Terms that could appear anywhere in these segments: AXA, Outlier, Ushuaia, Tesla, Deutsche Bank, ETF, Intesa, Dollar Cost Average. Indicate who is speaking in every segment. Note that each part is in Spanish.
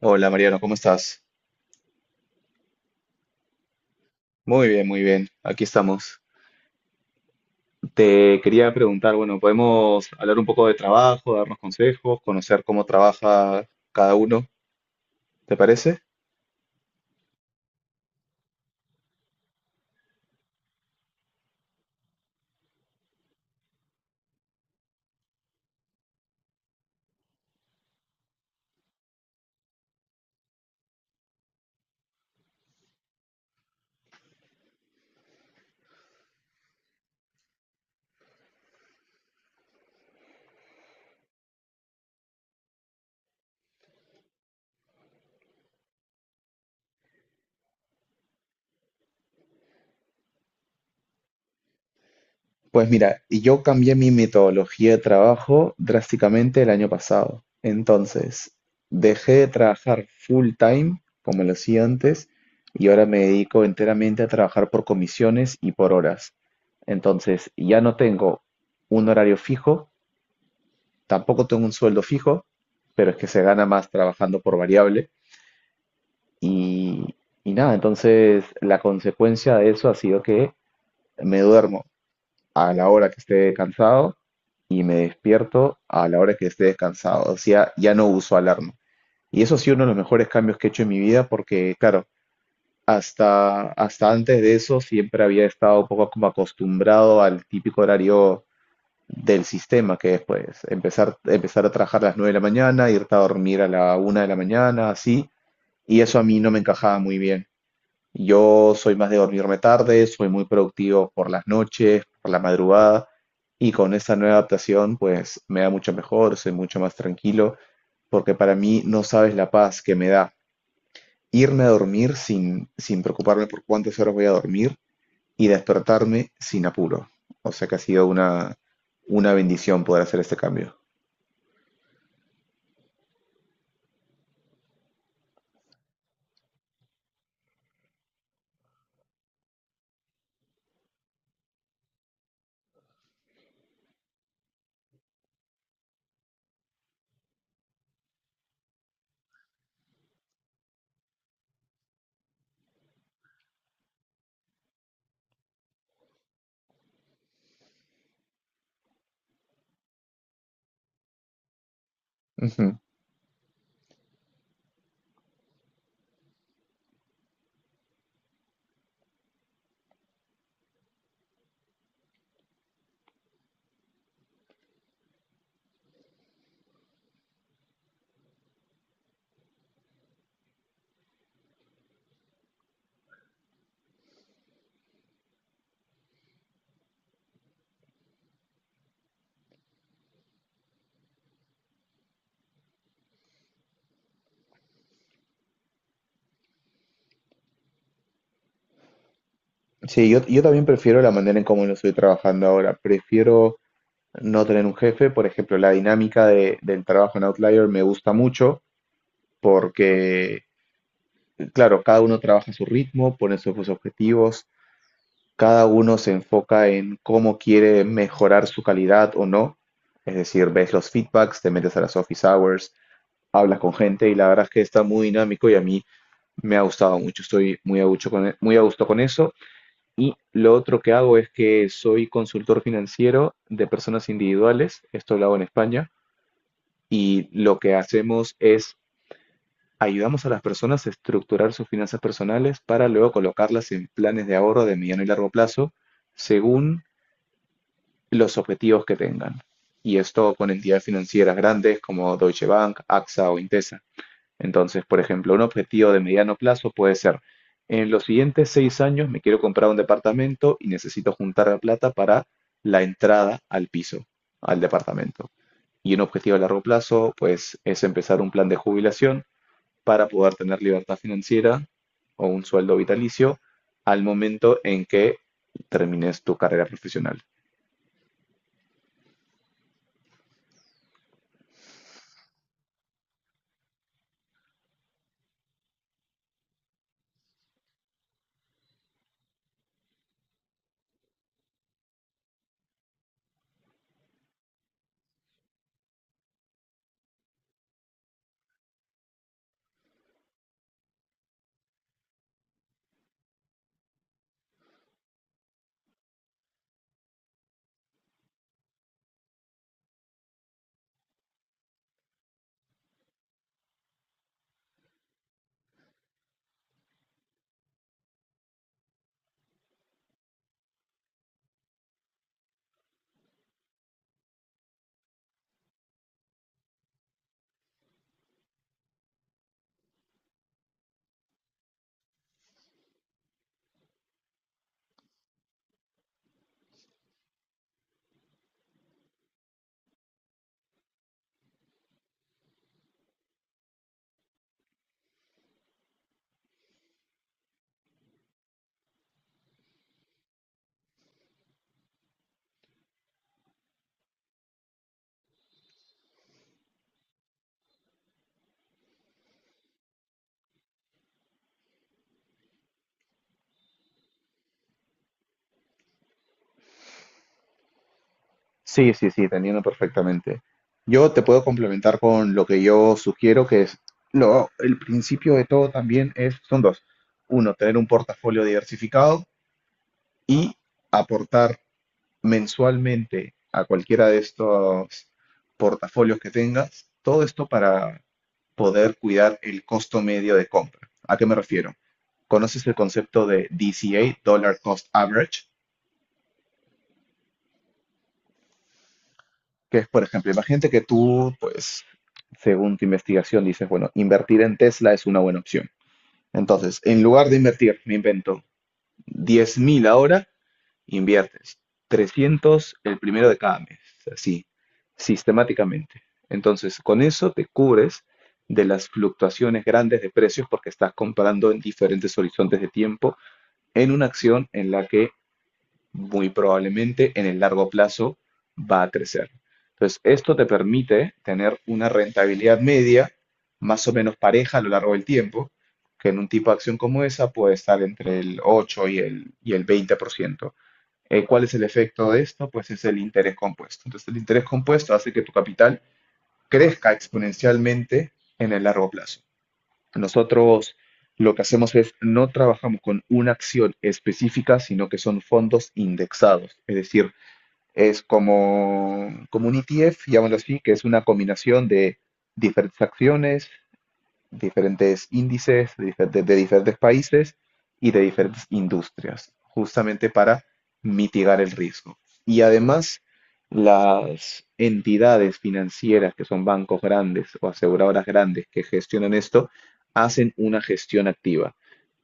Speaker 1: Hola Mariano, ¿cómo estás? Muy bien, muy bien. Aquí estamos. Te quería preguntar, bueno, podemos hablar un poco de trabajo, darnos consejos, conocer cómo trabaja cada uno, ¿te parece? Pues mira, y yo cambié mi metodología de trabajo drásticamente el año pasado. Entonces, dejé de trabajar full time, como lo hacía antes, y ahora me dedico enteramente a trabajar por comisiones y por horas. Entonces, ya no tengo un horario fijo, tampoco tengo un sueldo fijo, pero es que se gana más trabajando por variable. Y, y nada, entonces la consecuencia de eso ha sido que me duermo a la hora que esté cansado y me despierto a la hora que esté descansado. O sea, ya no uso alarma. Y eso ha sido uno de los mejores cambios que he hecho en mi vida porque, claro, hasta antes de eso siempre había estado un poco como acostumbrado al típico horario del sistema que es, pues, empezar a trabajar a las 9 de la mañana, irte a dormir a la 1 de la mañana, así, y eso a mí no me encajaba muy bien. Yo soy más de dormirme tarde, soy muy productivo por las noches, por la madrugada, y con esta nueva adaptación, pues, me da mucho mejor, soy mucho más tranquilo, porque para mí no sabes la paz que me da irme a dormir sin preocuparme por cuántas horas voy a dormir y despertarme sin apuro. O sea que ha sido una bendición poder hacer este cambio. Ujú. Sí, yo también prefiero la manera en cómo lo estoy trabajando ahora. Prefiero no tener un jefe. Por ejemplo, la dinámica del trabajo en Outlier me gusta mucho porque, claro, cada uno trabaja a su ritmo, pone sus objetivos, cada uno se enfoca en cómo quiere mejorar su calidad o no. Es decir, ves los feedbacks, te metes a las office hours, hablas con gente y la verdad es que está muy dinámico y a mí me ha gustado mucho. Estoy muy a gusto muy a gusto con eso. Y lo otro que hago es que soy consultor financiero de personas individuales, esto lo hago en España, y lo que hacemos es ayudamos a las personas a estructurar sus finanzas personales para luego colocarlas en planes de ahorro de mediano y largo plazo según los objetivos que tengan. Y esto con entidades financieras grandes como Deutsche Bank, AXA o Intesa. Entonces, por ejemplo, un objetivo de mediano plazo puede ser, en los siguientes 6 años me quiero comprar un departamento y necesito juntar la plata para la entrada al piso, al departamento. Y un objetivo a largo plazo, pues, es empezar un plan de jubilación para poder tener libertad financiera o un sueldo vitalicio al momento en que termines tu carrera profesional. Sí, sí, sí, te entiendo perfectamente. Yo te puedo complementar con lo que yo sugiero, que es el principio de todo. También es, son dos. Uno, tener un portafolio diversificado y aportar mensualmente a cualquiera de estos portafolios que tengas, todo esto para poder cuidar el costo medio de compra. ¿A qué me refiero? ¿Conoces el concepto de DCA, Dollar Cost Average? Que es, por ejemplo, imagínate que tú, pues, según tu investigación, dices, bueno, invertir en Tesla es una buena opción. Entonces, en lugar de invertir, me invento 10.000 ahora, inviertes 300 el primero de cada mes, así, sistemáticamente. Entonces, con eso te cubres de las fluctuaciones grandes de precios porque estás comprando en diferentes horizontes de tiempo en una acción en la que muy probablemente en el largo plazo va a crecer. Entonces, esto te permite tener una rentabilidad media más o menos pareja a lo largo del tiempo, que en un tipo de acción como esa puede estar entre el 8 y el 20%. ¿Cuál es el efecto de esto? Pues es el interés compuesto. Entonces, el interés compuesto hace que tu capital crezca exponencialmente en el largo plazo. Nosotros lo que hacemos es no trabajamos con una acción específica, sino que son fondos indexados. Es decir, es como, como un ETF, llamémoslo así, que es una combinación de diferentes acciones, diferentes índices de diferentes países y de diferentes industrias, justamente para mitigar el riesgo. Y además, las entidades financieras, que son bancos grandes o aseguradoras grandes que gestionan esto, hacen una gestión activa.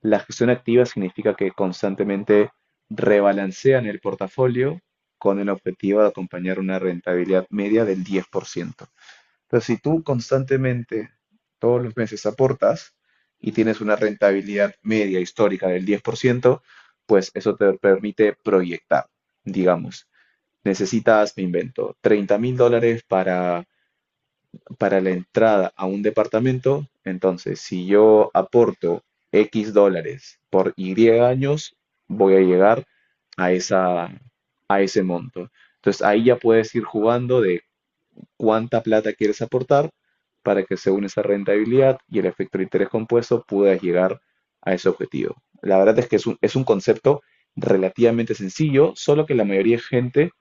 Speaker 1: La gestión activa significa que constantemente rebalancean el portafolio con el objetivo de acompañar una rentabilidad media del 10%. Entonces, si tú constantemente, todos los meses aportas y tienes una rentabilidad media histórica del 10%, pues eso te permite proyectar, digamos. Necesitas, me invento, 30 mil dólares para, la entrada a un departamento. Entonces, si yo aporto X dólares por Y años, voy a llegar a esa, a ese monto. Entonces ahí ya puedes ir jugando de cuánta plata quieres aportar para que según esa rentabilidad y el efecto de interés compuesto puedas llegar a ese objetivo. La verdad es que es un concepto relativamente sencillo, solo que la mayoría de gente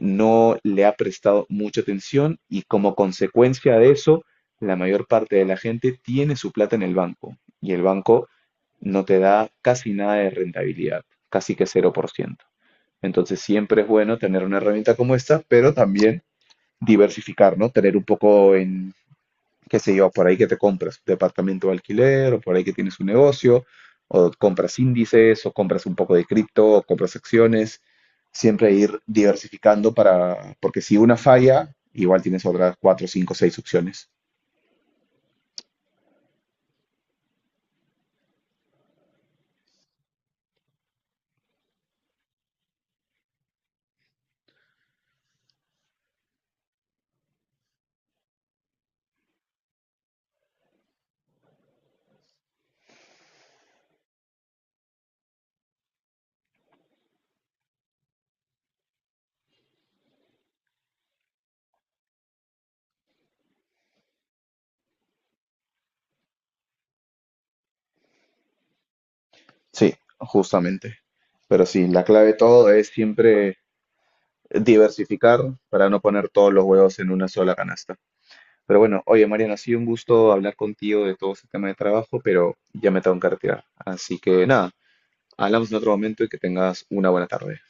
Speaker 1: no le ha prestado mucha atención y como consecuencia de eso, la mayor parte de la gente tiene su plata en el banco y el banco no te da casi nada de rentabilidad, casi que 0%. Entonces siempre es bueno tener una herramienta como esta, pero también diversificar, ¿no? Tener un poco en, qué sé yo, por ahí que te compras un departamento de alquiler, o por ahí que tienes un negocio, o compras índices, o compras un poco de cripto, o compras acciones. Siempre ir diversificando para, porque si una falla, igual tienes otras cuatro, cinco, seis opciones. Sí, justamente. Pero sí, la clave de todo es siempre diversificar para no poner todos los huevos en una sola canasta. Pero bueno, oye Mariano, ha sido un gusto hablar contigo de todo este tema de trabajo, pero ya me tengo que retirar. Así que nada, hablamos en otro momento y que tengas una buena tarde.